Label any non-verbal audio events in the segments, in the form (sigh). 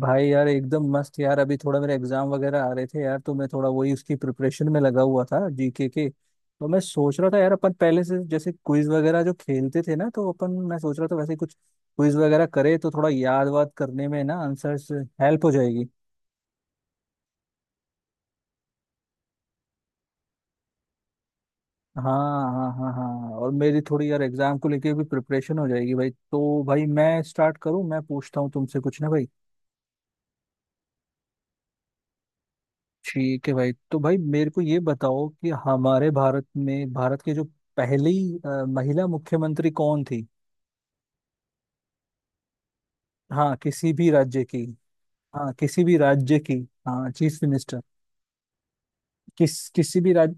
भाई यार एकदम मस्त यार। अभी थोड़ा मेरे एग्जाम वगैरह आ रहे थे यार, तो मैं थोड़ा वही उसकी प्रिपरेशन में लगा हुआ था जीके के। तो मैं सोच रहा था यार, अपन पहले से जैसे क्विज वगैरह जो खेलते थे ना, तो अपन मैं सोच रहा था वैसे कुछ क्विज वगैरह करे तो थोड़ा याद वाद करने में ना आंसर्स हेल्प हो जाएगी। हाँ हाँ हाँ हाँ। और मेरी थोड़ी यार एग्जाम को लेके भी प्रिपरेशन हो जाएगी भाई। तो भाई मैं स्टार्ट करूँ, मैं पूछता हूँ तुमसे कुछ ना भाई। ठीक है भाई। तो भाई मेरे को ये बताओ कि हमारे भारत में भारत की जो पहली महिला मुख्यमंत्री कौन थी। हाँ किसी भी राज्य की। हाँ किसी भी राज्य की। हाँ चीफ मिनिस्टर। किस किसी भी राज्य।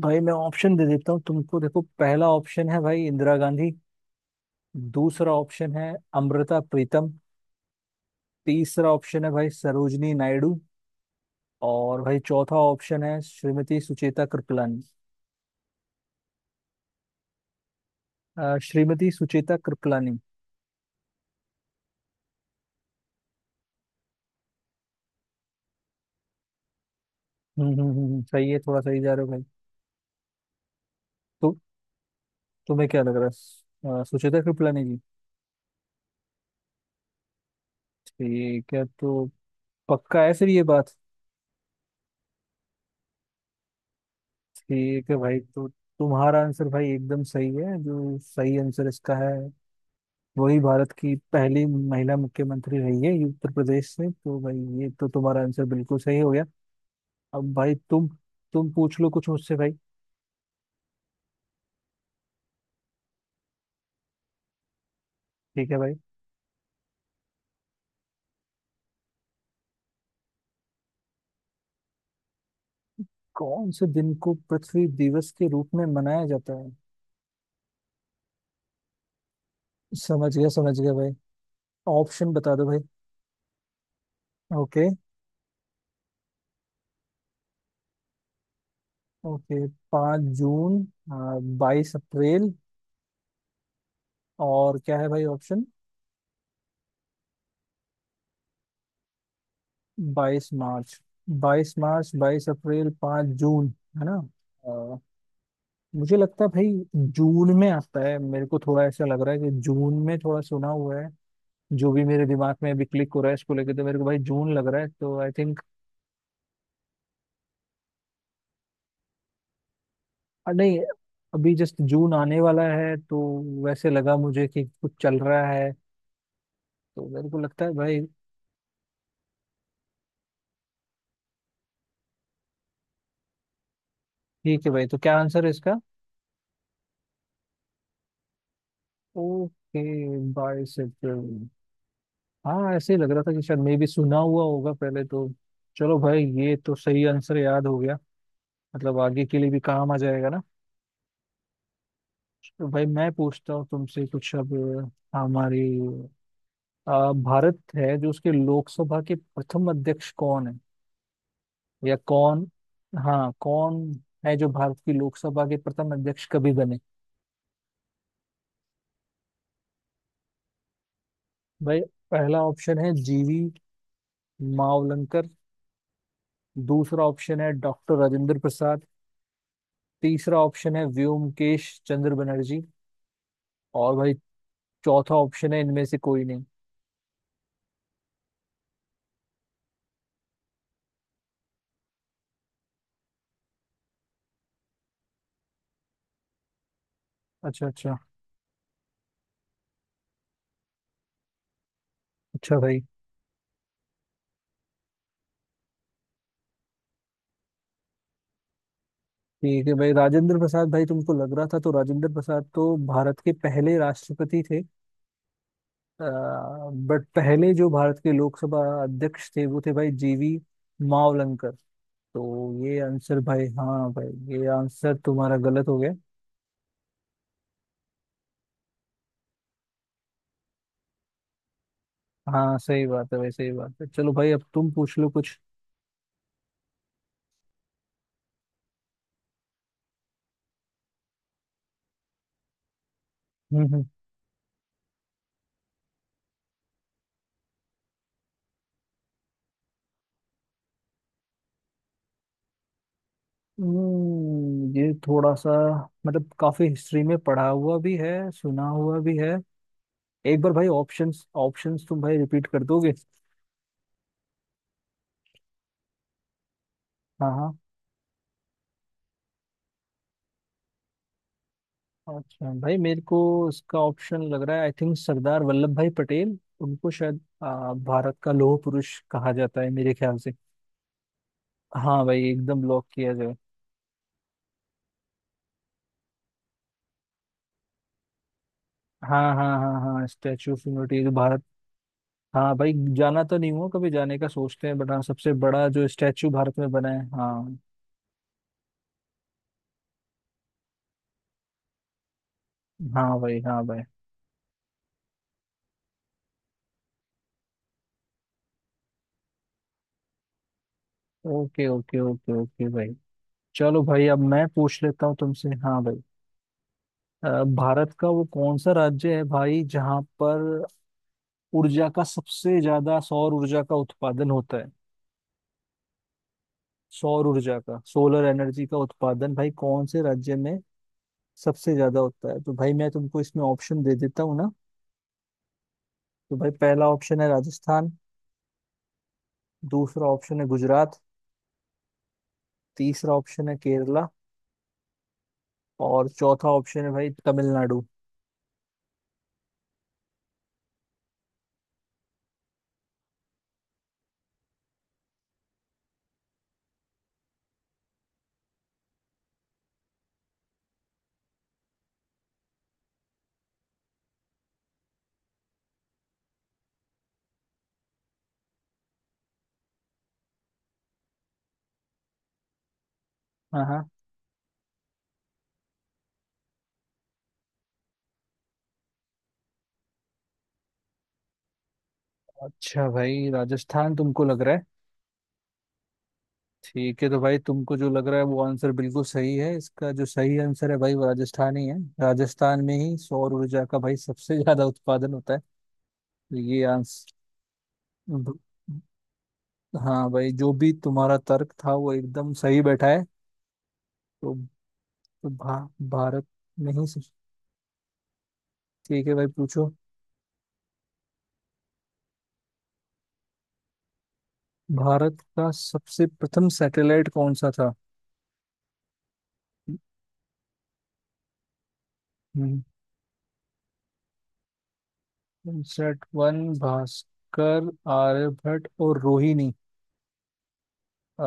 भाई मैं ऑप्शन दे देता हूँ तुमको। देखो पहला ऑप्शन है भाई इंदिरा गांधी। दूसरा ऑप्शन है अमृता प्रीतम। तीसरा ऑप्शन है भाई सरोजनी नायडू। और भाई चौथा ऑप्शन है श्रीमती सुचेता कृपलानी। श्रीमती सुचेता कृपलानी। सही है, थोड़ा सही जा रहे हो भाई। तो तुम्हें क्या लग रहा है, सुचेता कृपलानी जी? ठीक है तो पक्का है फिर ये बात? ठीक है भाई। तो तुम्हारा आंसर भाई एकदम सही है। जो सही आंसर इसका है वही भारत की पहली महिला मुख्यमंत्री रही है, ये उत्तर प्रदेश से। तो भाई ये तो तुम्हारा आंसर बिल्कुल सही हो गया। अब भाई तुम पूछ लो कुछ मुझसे भाई। ठीक है भाई। कौन से दिन को पृथ्वी दिवस के रूप में मनाया जाता है? समझ गया भाई। ऑप्शन बता दो भाई। ओके। ओके, 5 जून, 22 अप्रैल। और क्या है भाई ऑप्शन? 22 मार्च। बाईस मार्च, 22 अप्रैल, 5 जून, है ना? अ, मुझे लगता है भाई जून में आता है। मेरे को थोड़ा ऐसा लग रहा है कि जून में थोड़ा सुना हुआ है। जो भी मेरे दिमाग में अभी क्लिक हो रहा है इसको लेके, तो मेरे को भाई जून लग रहा है, तो आई थिंक नहीं। अभी जस्ट जून आने वाला है तो वैसे लगा मुझे कि कुछ चल रहा है। तो मेरे को लगता है भाई। ठीक है भाई। तो क्या आंसर है इसका? ओके, 22 अप्रैल। हाँ ऐसे ही लग रहा था कि शायद मैं भी सुना हुआ होगा पहले तो। चलो भाई ये तो सही आंसर याद हो गया। मतलब आगे के लिए भी काम आ जाएगा ना। तो भाई मैं पूछता हूँ तुमसे कुछ अब। हमारी भारत है जो उसके लोकसभा के प्रथम अध्यक्ष कौन है, या कौन। हाँ कौन है जो भारत की लोकसभा के प्रथम अध्यक्ष कभी बने? भाई पहला ऑप्शन है जीवी मावलंकर। दूसरा ऑप्शन है डॉक्टर राजेंद्र प्रसाद। तीसरा ऑप्शन है व्योमकेश चंद्र बनर्जी। और भाई चौथा ऑप्शन है इनमें से कोई नहीं। अच्छा अच्छा। अच्छा भाई। ठीक है भाई। राजेंद्र प्रसाद भाई तुमको लग रहा था, तो राजेंद्र प्रसाद तो भारत के पहले राष्ट्रपति थे। बट पहले जो भारत के लोकसभा अध्यक्ष थे वो थे भाई जीवी मावलंकर। तो ये आंसर भाई, हाँ भाई ये आंसर तुम्हारा गलत हो गया। हाँ सही बात है भाई सही बात है। चलो भाई अब तुम पूछ लो कुछ। हम्म ये थोड़ा सा मतलब काफी हिस्ट्री में पढ़ा हुआ भी है, सुना हुआ भी है। एक बार भाई ऑप्शंस ऑप्शंस तुम भाई रिपीट कर दोगे? हाँ हाँ। अच्छा भाई मेरे को इसका ऑप्शन लग रहा है आई थिंक सरदार वल्लभ भाई पटेल, उनको शायद भारत का लौह पुरुष कहा जाता है मेरे ख्याल से। हाँ भाई एकदम लॉक किया जाए। हाँ हाँ हाँ हाँ स्टैचू ऑफ यूनिटी जो भारत। हाँ भाई। जाना तो नहीं हुआ कभी, जाने का सोचते हैं बट हाँ सबसे बड़ा जो स्टैचू भारत में बना है हाँ। हाँ भाई हाँ भाई। ओके ओके ओके ओके भाई। चलो भाई अब मैं पूछ लेता हूँ तुमसे हाँ भाई। भारत का वो कौन सा राज्य है भाई जहाँ पर ऊर्जा का सबसे ज्यादा सौर ऊर्जा का उत्पादन होता है? सौर ऊर्जा का, सोलर एनर्जी का उत्पादन भाई कौन से राज्य में सबसे ज्यादा होता है? तो भाई मैं तुमको इसमें ऑप्शन दे देता हूँ ना। तो भाई पहला ऑप्शन है राजस्थान। दूसरा ऑप्शन है गुजरात। तीसरा ऑप्शन है केरला। और चौथा ऑप्शन है भाई तमिलनाडु। हाँ हाँ। अच्छा भाई राजस्थान तुमको लग रहा है? ठीक है। तो भाई तुमको जो लग रहा है वो आंसर बिल्कुल सही है इसका। जो सही आंसर है भाई वो राजस्थान ही है। राजस्थान में ही सौर ऊर्जा का भाई सबसे (laughs) ज्यादा उत्पादन होता है। तो ये आंसर, हाँ भाई जो भी तुम्हारा तर्क था वो एकदम सही बैठा है। तो भारत में ही ठीक है भाई पूछो। भारत का सबसे प्रथम सैटेलाइट कौन सा था? हम्म, इनसेट वन, भास्कर, आर्यभट्ट और रोहिणी। अ,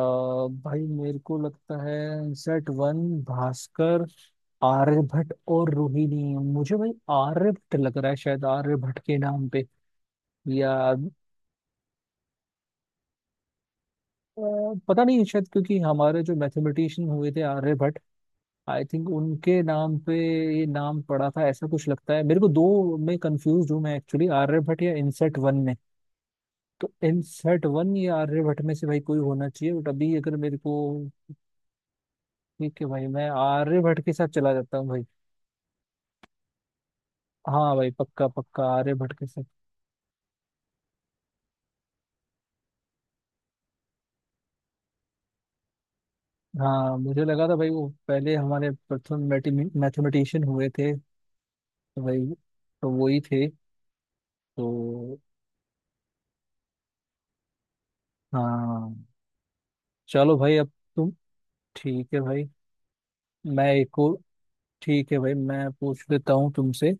भाई मेरे को लगता है सेट वन, भास्कर, आर्यभट्ट और रोहिणी। मुझे भाई आर्यभट्ट लग रहा है, शायद आर्यभट्ट के नाम पे या अ, पता नहीं, शायद क्योंकि हमारे जो मैथमेटिशियन हुए थे आर्यभट्ट, आई थिंक उनके नाम पे ये नाम पड़ा था, ऐसा कुछ लगता है मेरे को। दो में कंफ्यूज हूँ मैं एक्चुअली आर्यभट्ट या इनसेट वन में। तो इनसेट वन या आर्यभट्ट में से भाई कोई होना चाहिए, बट अभी अगर मेरे को। ठीक है भाई मैं आर्यभट्ट के साथ चला जाता हूँ भाई। हाँ भाई पक्का पक्का आर्य भट्ट के साथ। हाँ मुझे लगा था भाई वो पहले हमारे प्रथम मैथमेटिशियन हुए थे। तो भाई तो वो ही थे। तो हाँ। चलो भाई अब तुम। ठीक है भाई मैं एक और। ठीक है भाई मैं पूछ लेता हूँ तुमसे।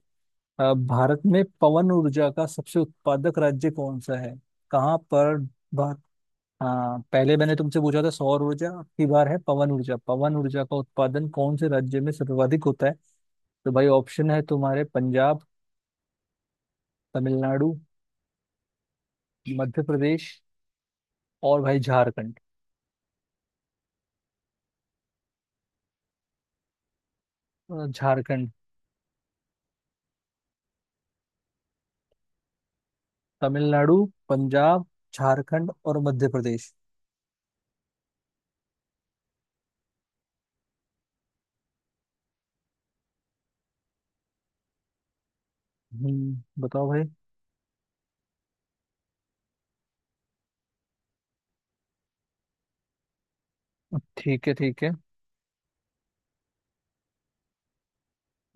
भारत में पवन ऊर्जा का सबसे उत्पादक राज्य कौन सा है? कहाँ पर? भा- हाँ पहले मैंने तुमसे पूछा था सौर ऊर्जा, अब की बार है पवन ऊर्जा। पवन ऊर्जा का उत्पादन कौन से राज्य में सर्वाधिक होता है? तो भाई ऑप्शन है तुम्हारे पंजाब, तमिलनाडु, मध्य प्रदेश और भाई झारखंड। झारखंड, तमिलनाडु, पंजाब, झारखंड और मध्य प्रदेश। बताओ भाई। ठीक है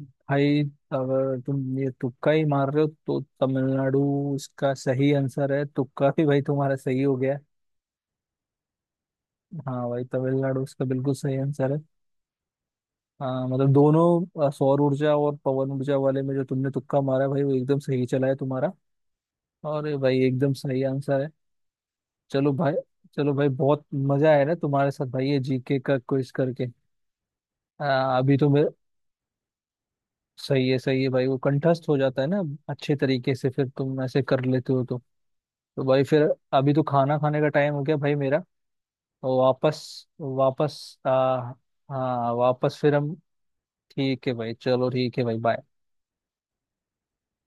भाई। अगर तुम ये तुक्का ही मार रहे हो तो तमिलनाडु इसका सही आंसर है, तुक्का भी भाई तुम्हारा सही हो गया। हाँ भाई तमिलनाडु इसका बिल्कुल सही आंसर है। हाँ मतलब दोनों सौर ऊर्जा और पवन ऊर्जा वाले में जो तुमने तुक्का मारा है भाई वो एकदम सही चला है तुम्हारा। और ये भाई एकदम सही आंसर है। चलो भाई। चलो भाई बहुत मजा आया ना तुम्हारे साथ भाई ये जीके का क्विज करके। अभी तो मैं। सही है भाई वो कंठस्थ हो जाता है ना अच्छे तरीके से फिर तुम ऐसे कर लेते हो तो। तो भाई फिर अभी तो खाना खाने का टाइम हो गया भाई मेरा। तो वापस वापस हाँ वापस फिर हम। ठीक है भाई चलो। ठीक है भाई बाय।